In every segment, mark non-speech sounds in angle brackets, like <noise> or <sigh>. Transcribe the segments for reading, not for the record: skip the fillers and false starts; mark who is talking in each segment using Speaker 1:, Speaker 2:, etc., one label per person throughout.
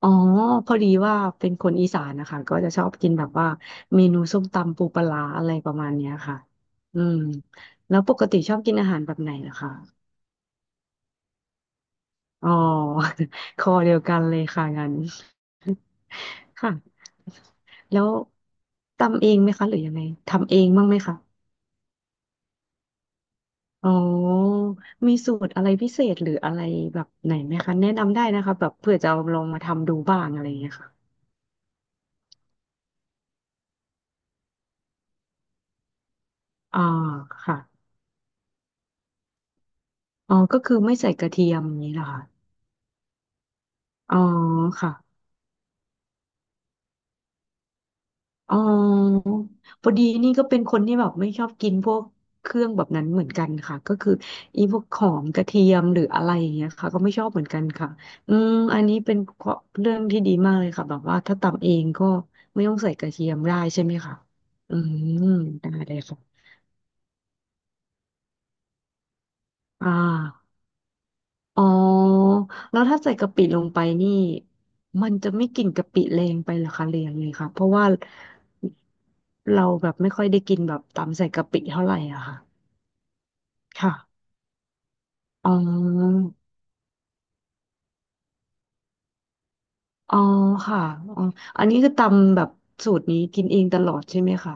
Speaker 1: อ๋อพอดีว่าเป็นคนอีสานนะคะก็จะชอบกินแบบว่าเมนูส้มตำปูปลาร้าอะไรประมาณเนี้ยค่ะอืมแล้วปกติชอบกินอาหารแบบไหนล่ะคะอ๋อ <laughs> คอเดียวกันเลยค่ะงั้นค่ะแล้วตำเองไหมคะหรือยังไงทำเองบ้างไหมคะอ๋อมีสูตรอะไรพิเศษหรืออะไรแบบไหนไหมคะแนะนำได้นะคะแบบเผื่อจะเอาลองมาทำดูบ้างอะไรอย่างเงี้ยค่ะอ๋อค่ะอ๋อก็คือไม่ใส่กระเทียมอย่างนี้เหรอคะอ๋อค่ะ อ๋อพอดีนี่ก็เป็นคนที่แบบไม่ชอบกินพวกเครื่องแบบนั้นเหมือนกันค่ะก็คืออีพวกหอมกระเทียมหรืออะไรอย่างเงี้ยค่ะก็ไม่ชอบเหมือนกันค่ะอืมอันนี้เป็นข้อเรื่องที่ดีมากเลยค่ะแบบว่าถ้าตำเองก็ไม่ต้องใส่กระเทียมได้ใช่ไหมคะอืมได้เลยค่ะอ่าอ๋อแล้วถ้าใส่กะปิลงไปนี่มันจะไม่กลิ่นกะปิแรงไปเหรอคะเรียงเลยค่ะเพราะว่าเราแบบไม่ค่อยได้กินแบบตำใส่กะปิเท่าไหร่อะค่ะ ค่ะอ๋ออ๋อค่ะอ๋ออันนี้คือตำแบบสูตรนี้กินเองตลอดใช่ไหมคะ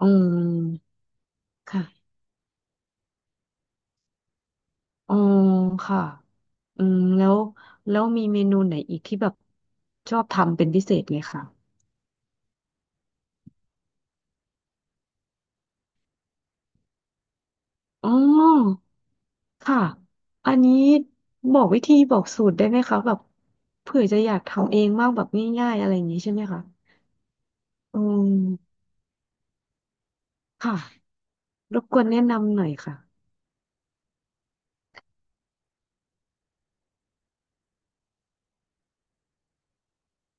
Speaker 1: อืมค่ะอ๋อค่ะอืมแล้วมีเมนูไหนอีกที่แบบชอบทำเป็นพิเศษไหมคะอ๋อค่ะอันนี้บอกวิธีบอกสูตรได้ไหมคะแบบเผื่อจะอยากทำเองมากแบบง่ายๆอะไรอย่างนี้ใช่ไหมคะอืมค่ะรบกวนแนะนำหน่อยค่ะ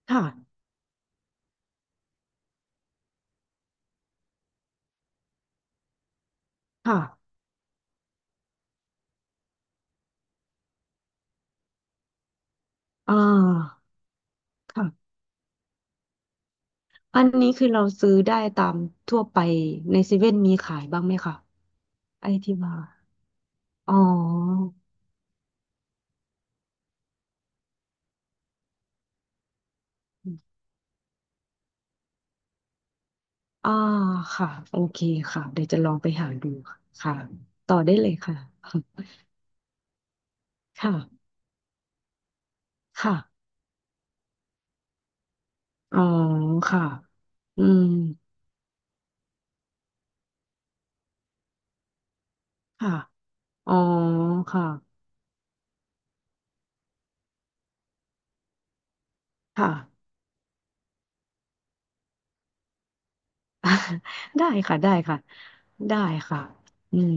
Speaker 1: ค่ะค่ะอ่าค่ะ อันนี้คือเราซื้อได้ตามทั่วไปในเซเว่นมีขายบ้างไหมคะไอที่ว่าอ๋ออ่าค่ะโอเคค่ะเดี๋ยวจะลองไปหาดูค่ะค่ะต่อได้เลยค่ะ ค่ะค่ะอ๋อค่ะ อืมค่ะอ๋อค่ะค่ะ <laughs> ได้ค่ะ ได้ค่ะ ได้ค่ะอืม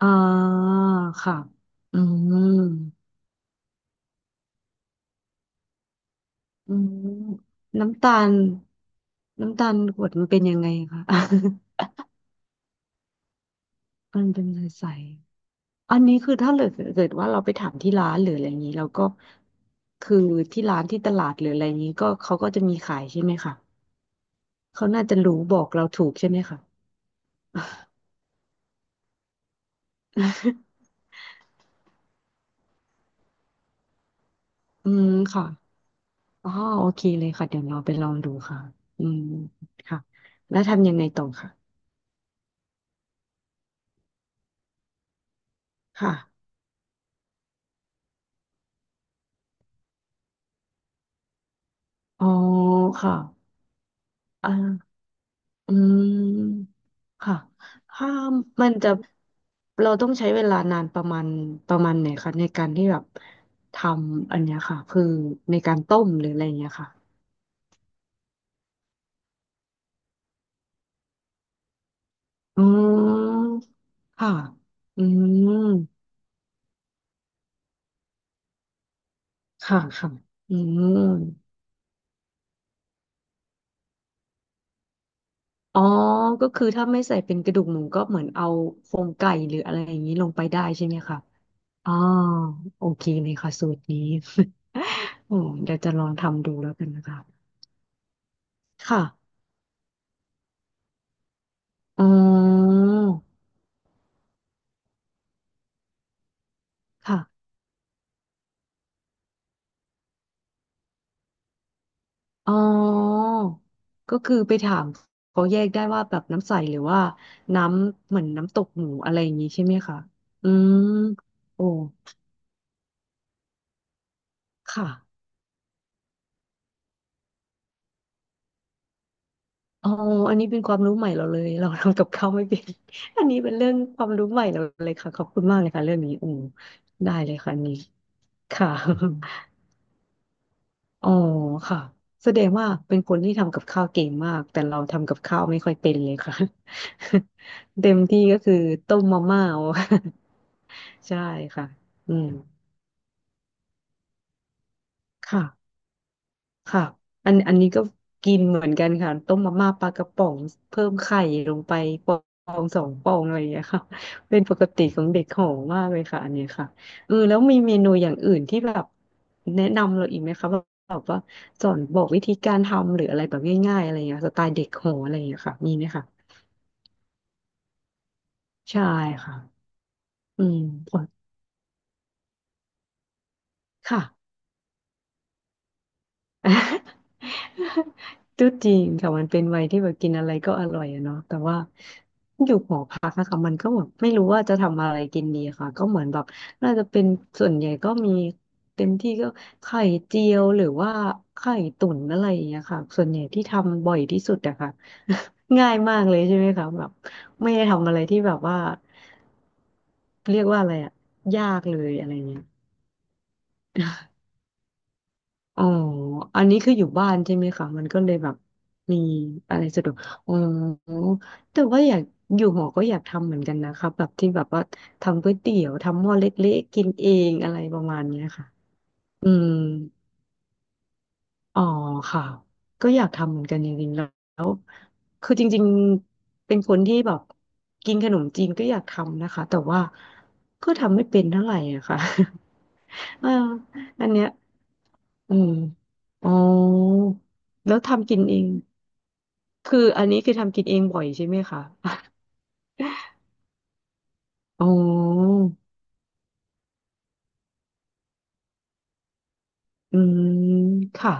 Speaker 1: อ่าค่ะอืม อืมน้ำตาลน้ำตาลกรวดมันเป็นยังไงคะ <laughs> มันเป็นใสๆอันนี้คือถ้าเกิดว่าเราไปถามที่ร้านหรืออะไรอย่างนี้เราก็คือที่ร้านที่ตลาดหรืออะไรอย่างนี้ก็เขาก็จะมีขายใช่ไหมคะเขาน่าจะรู้บอกเราถูกใช่ไหมคะ <laughs> อืมค่ะอ๋อโอเคเลยค่ะเดี๋ยวเราไปลองดูค่ะอืมค่ะแล้วทำยังไงต่อค่ะค่ะอ๋อค่ะอ่า อืมค่ะถ้ามันจะเราต้องใช้เวลานานประมาณประมาณไหนคะในการที่แบบทำอันเนี้ยค่ะคือในการต้มหรืออะไรอย่างเงี้ยค่ะอืมค่ะอืมค่ะค่ะอืมอ๋อก็คือถ้าไม่ใส่เป็นกระดูกหมูก็เหมือนเอาโครงไก่หรืออะไรอย่างนี้ลงไปได้ใช่ไหมคะอ๋อโอเคเลยค่ะสูตรนี้ <laughs> โอ้เดี๋ยวจะลองทำดูแล้วกันนะคะค่ะ อ๋อค่ะอ๋อก็คือไปถามเขาแยกได้ว่าแบบน้ำใสหรือว่าน้ำเหมือนน้ำตกหมูอะไรอย่างนี้ใช่ไหมคะอืมโอ้ค่ะอ๋ออันนี้เป็นความรู้ใหม่เราเลยเราทำกับข้าวไม่เป็น <laughs> อันนี้เป็นเรื่องความรู้ใหม่เราเลยค่ะขอบคุณมากเลยค่ะเรื่องนี้อืมได้เลยค่ะอันนี้ค่ะ อ๋อค่ะแสดงว่าเป็นคนที่ทำกับข้าวเก่งมากแต่เราทำกับข้าวไม่ค่อยเป็นเลยค่ะ <laughs> เต็มที่ก็คือต้มมาม่า <laughs> เอา <laughs> ใช่ค่ะอืมค่ะ ค่ะอันนี้ก็กินเหมือนกันค่ะต้มมาม่าปลากระป๋องเพิ่มไข่ลงไปฟองสองฟองอะไรอย่างเงี้ยค่ะ <laughs> เป็นปกติของเด็กหอมมากเลยค่ะอันเนี้ยค่ะเออแล้วมีเมนูอย่างอื่นที่แบบแนะนำเราอีกไหมคะแบบแบบว่าสอนบอกวิธีการทำหรืออะไรแบบง่ายๆอะไรอย่างเงี้ยสไตล์เด็กหออะไรอย่างเงี้ยค่ะมีไหมคะใช่ค่ะอืมค่ะ <laughs> ก็จริงค่ะมันเป็นวัยที่แบบกินอะไรก็อร่อยอะเนาะแต่ว่าอยู่หอพักอะค่ะมันก็แบบไม่รู้ว่าจะทำอะไรกินดีค่ะก็เหมือนแบบน่าจะเป็นส่วนใหญ่ก็มีเต็มที่ก็ไข่เจียวหรือว่าไข่ตุ๋นอะไรอย่างเงี้ยค่ะส่วนใหญ่ที่ทำบ่อยที่สุดอะค่ะ <laughs> ง่ายมากเลยใช่ไหมคะแบบไม่ได้ทำอะไรที่แบบว่าเรียกว่าอะไรอะยากเลยอะไรเงี้ย อ๋ออันนี้คืออยู่บ้านใช่ไหมคะมันก็เลยแบบมีอะไรสะดวกอ๋อแต่ว่าอยากอยู่หอก็อยากทำเหมือนกันนะคะแบบที่แบบว่าทำก๋วยเตี๋ยวทำหม้อเล็กๆกินเองอะไรประมาณเนี้ยค่ะอืมอ๋อค่ะก็อยากทำเหมือนกันจริงๆแล้วคือจริงๆเป็นคนที่แบบกินขนมจีนก็อยากทำนะคะแต่ว่าก็ทำไม่เป็นเท่าไหร่อะค่ะ <laughs> เอออันเนี้ย อืมอ๋อแล้วทำกินเองคืออันนี้คือทำกินเองบ่อยใช่ไหมคะ <laughs> อ๋ออืมค่ะ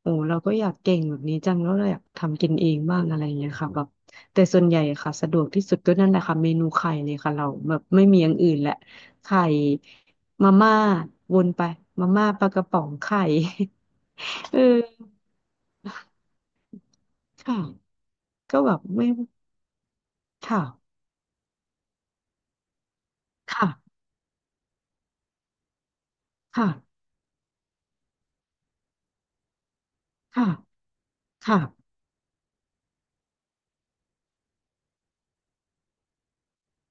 Speaker 1: โอ้เราก็อยากเก่งแบบนี้จังแล้วเราอยากทำกินเองบ้างอะไรอย่างเงี้ยค่ะแบบแต่ส่วนใหญ่ค่ะสะดวกที่สุดก็นั่นแหละค่ะเมนูไข่เลยค่ะเราแบบไม่มีอย่างอื่นแหละไข่มาม่าวนไปมาม่าปลากระป๋องไข่ <laughs> เออค่ะก็แบบไม่ค่ะค่ะค่ะค่ะค่ะ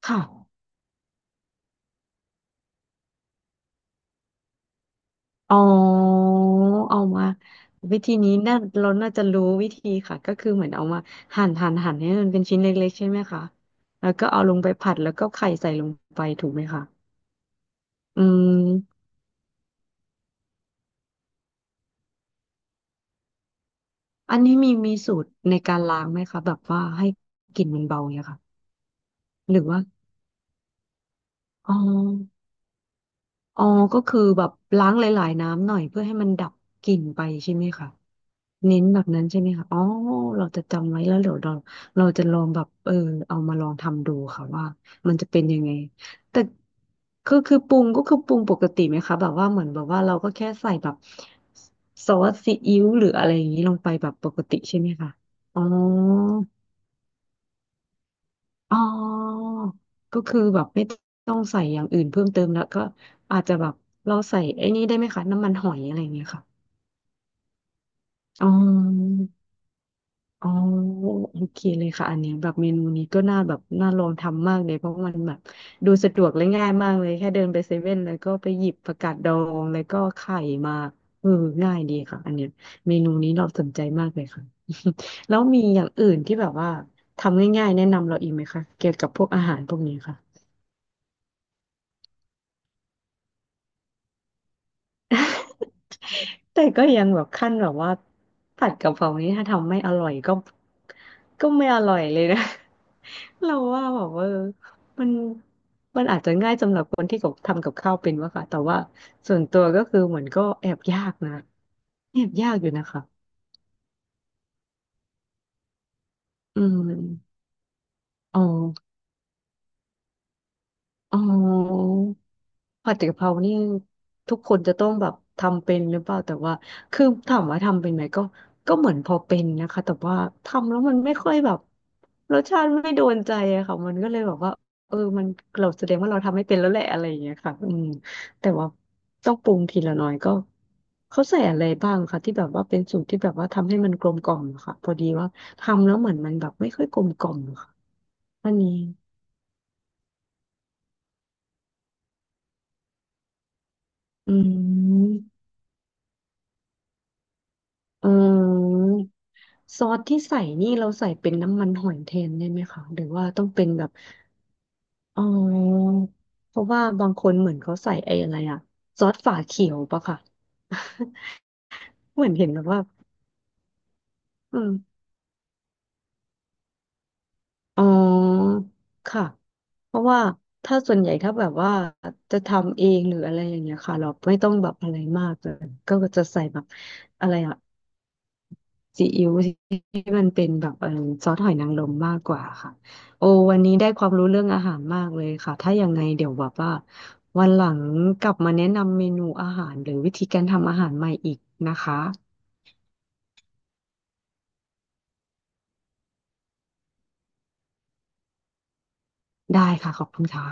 Speaker 1: ค่ะ อ๋อเอามาวิธีนี้น่าเราน่าจะรู้วิธีค่ะก็คือเหมือนเอามาหั่นให้มันเป็นชิ้นเล็กๆใช่ไหมคะแล้วก็เอาลงไปผัดแล้วก็ไข่ใส่ลงไปถูกไหมคะอืมอันนี้มีสูตรในการล้างไหมคะแบบว่าให้กลิ่นมันเบาเนี่ยค่ะหรือว่าอ๋อ อ๋อก็คือแบบล้างหลายๆน้ำหน่อยเพื่อให้มันดับกลิ่นไปใช่ไหมคะเน้นแบบนั้นใช่ไหมคะอ๋อเราจะจำไว้แล้วเดี๋ยวเราจะลองแบบเอามาลองทำดูค่ะว่ามันจะเป็นยังไงแต่คือปรุงก็คือปรุงปกติไหมคะแบบว่าเหมือนแบบว่าเราก็แค่ใส่แบบซอสซีอิ๊วหรืออะไรอย่างนี้ลงไปแบบปกติใช่ไหมคะอ๋อ อ๋อก็คือแบบไม่ต้องใส่อย่างอื่นเพิ่มเติมแล้วก็อาจจะแบบเราใส่ไอ้นี่ได้ไหมคะน้ำมันหอยอะไรอย่างเงี้ยค่ะอ๋ออ๋อโอเคเลยค่ะอันเนี้ยแบบเมนูนี้ก็น่าแบบน่าลองทำมากเลยเพราะมันแบบดูสะดวกและง่ายมากเลยแค่เดินไปเซเว่นแล้วก็ไปหยิบผักกาดดองแล้วก็ไข่มาเออง่ายดีค่ะอันเนี้ยเมนูนี้เราสนใจมากเลยค่ะ <laughs> แล้วมีอย่างอื่นที่แบบว่าทำง่ายๆแนะนำเราอีกไหมคะเกี่ยวกับพวกอาหารพวกนี้ค่ะ แต่ก็ยังแบบขั้นแบบว่าผัดกะเพรานี้ถ้าทำไม่อร่อยก็ไม่อร่อยเลยนะ <laughs> เราว่าแบบว่ามันมันอาจจะง่ายสำหรับคนที่กับทำกับข้าวเป็นวะค่ะแต่ว่าส่วนตัวก็คือเหมือนก็แอบยากนะแอบยากอยู่นะคะอืมอ๋ออ๋อ ผัดกะเพรานี่ทุกคนจะต้องแบบทำเป็นหรือเปล่าแต่ว่าคือถามว่าทำเป็นไหมก็เหมือนพอเป็นนะคะแต่ว่าทำแล้วมันไม่ค่อยแบบรสชาติไม่โดนใจอะค่ะมันก็เลยแบบว่าเออมันเราแสดงว่าเราทำไม่เป็นแล้วแหละอะไรอย่างเงี้ยค่ะแต่ว่าต้องปรุงทีละน้อยก็เขาใส่อะไรบ้างคะที่แบบว่าเป็นสูตรที่แบบว่าทำให้มันกลมกล่อมอะค่ะพอดีว่าทำแล้วเหมือนมันแบบไม่ค่อยกลมกล่อมอะค่ะอันนี้อืมเออ ซอสที่ใส่นี่เราใส่เป็นน้ำมันหอยแทนได้ไหมคะหรือว่าต้องเป็นแบบอ๋อเพราะว่าบางคนเหมือนเขาใส่ไอ้อะไรอะซอสฝาเขียวปะค่ะ <laughs> เหมือนเห็นแบบว่าอืมอ๋อค่ะเพราะว่าถ้าส่วนใหญ่ถ้าแบบว่าจะทำเองหรืออะไรอย่างเงี้ยค่ะเราไม่ต้องแบบอะไรมากเลยก็จะใส่แบบอะไรอะ ซีอิ๊วที่มันเป็นแบบซอสหอยนางรมมากกว่าค่ะโอ้วันนี้ได้ความรู้เรื่องอาหารมากเลยค่ะถ้ายังไงเดี๋ยวแบบว่าวันหลังกลับมาแนะนำเมนูอาหารหรือวิธีการทำอาหารใหม่อีกนะคะได้ค่ะขอบคุณค่ะ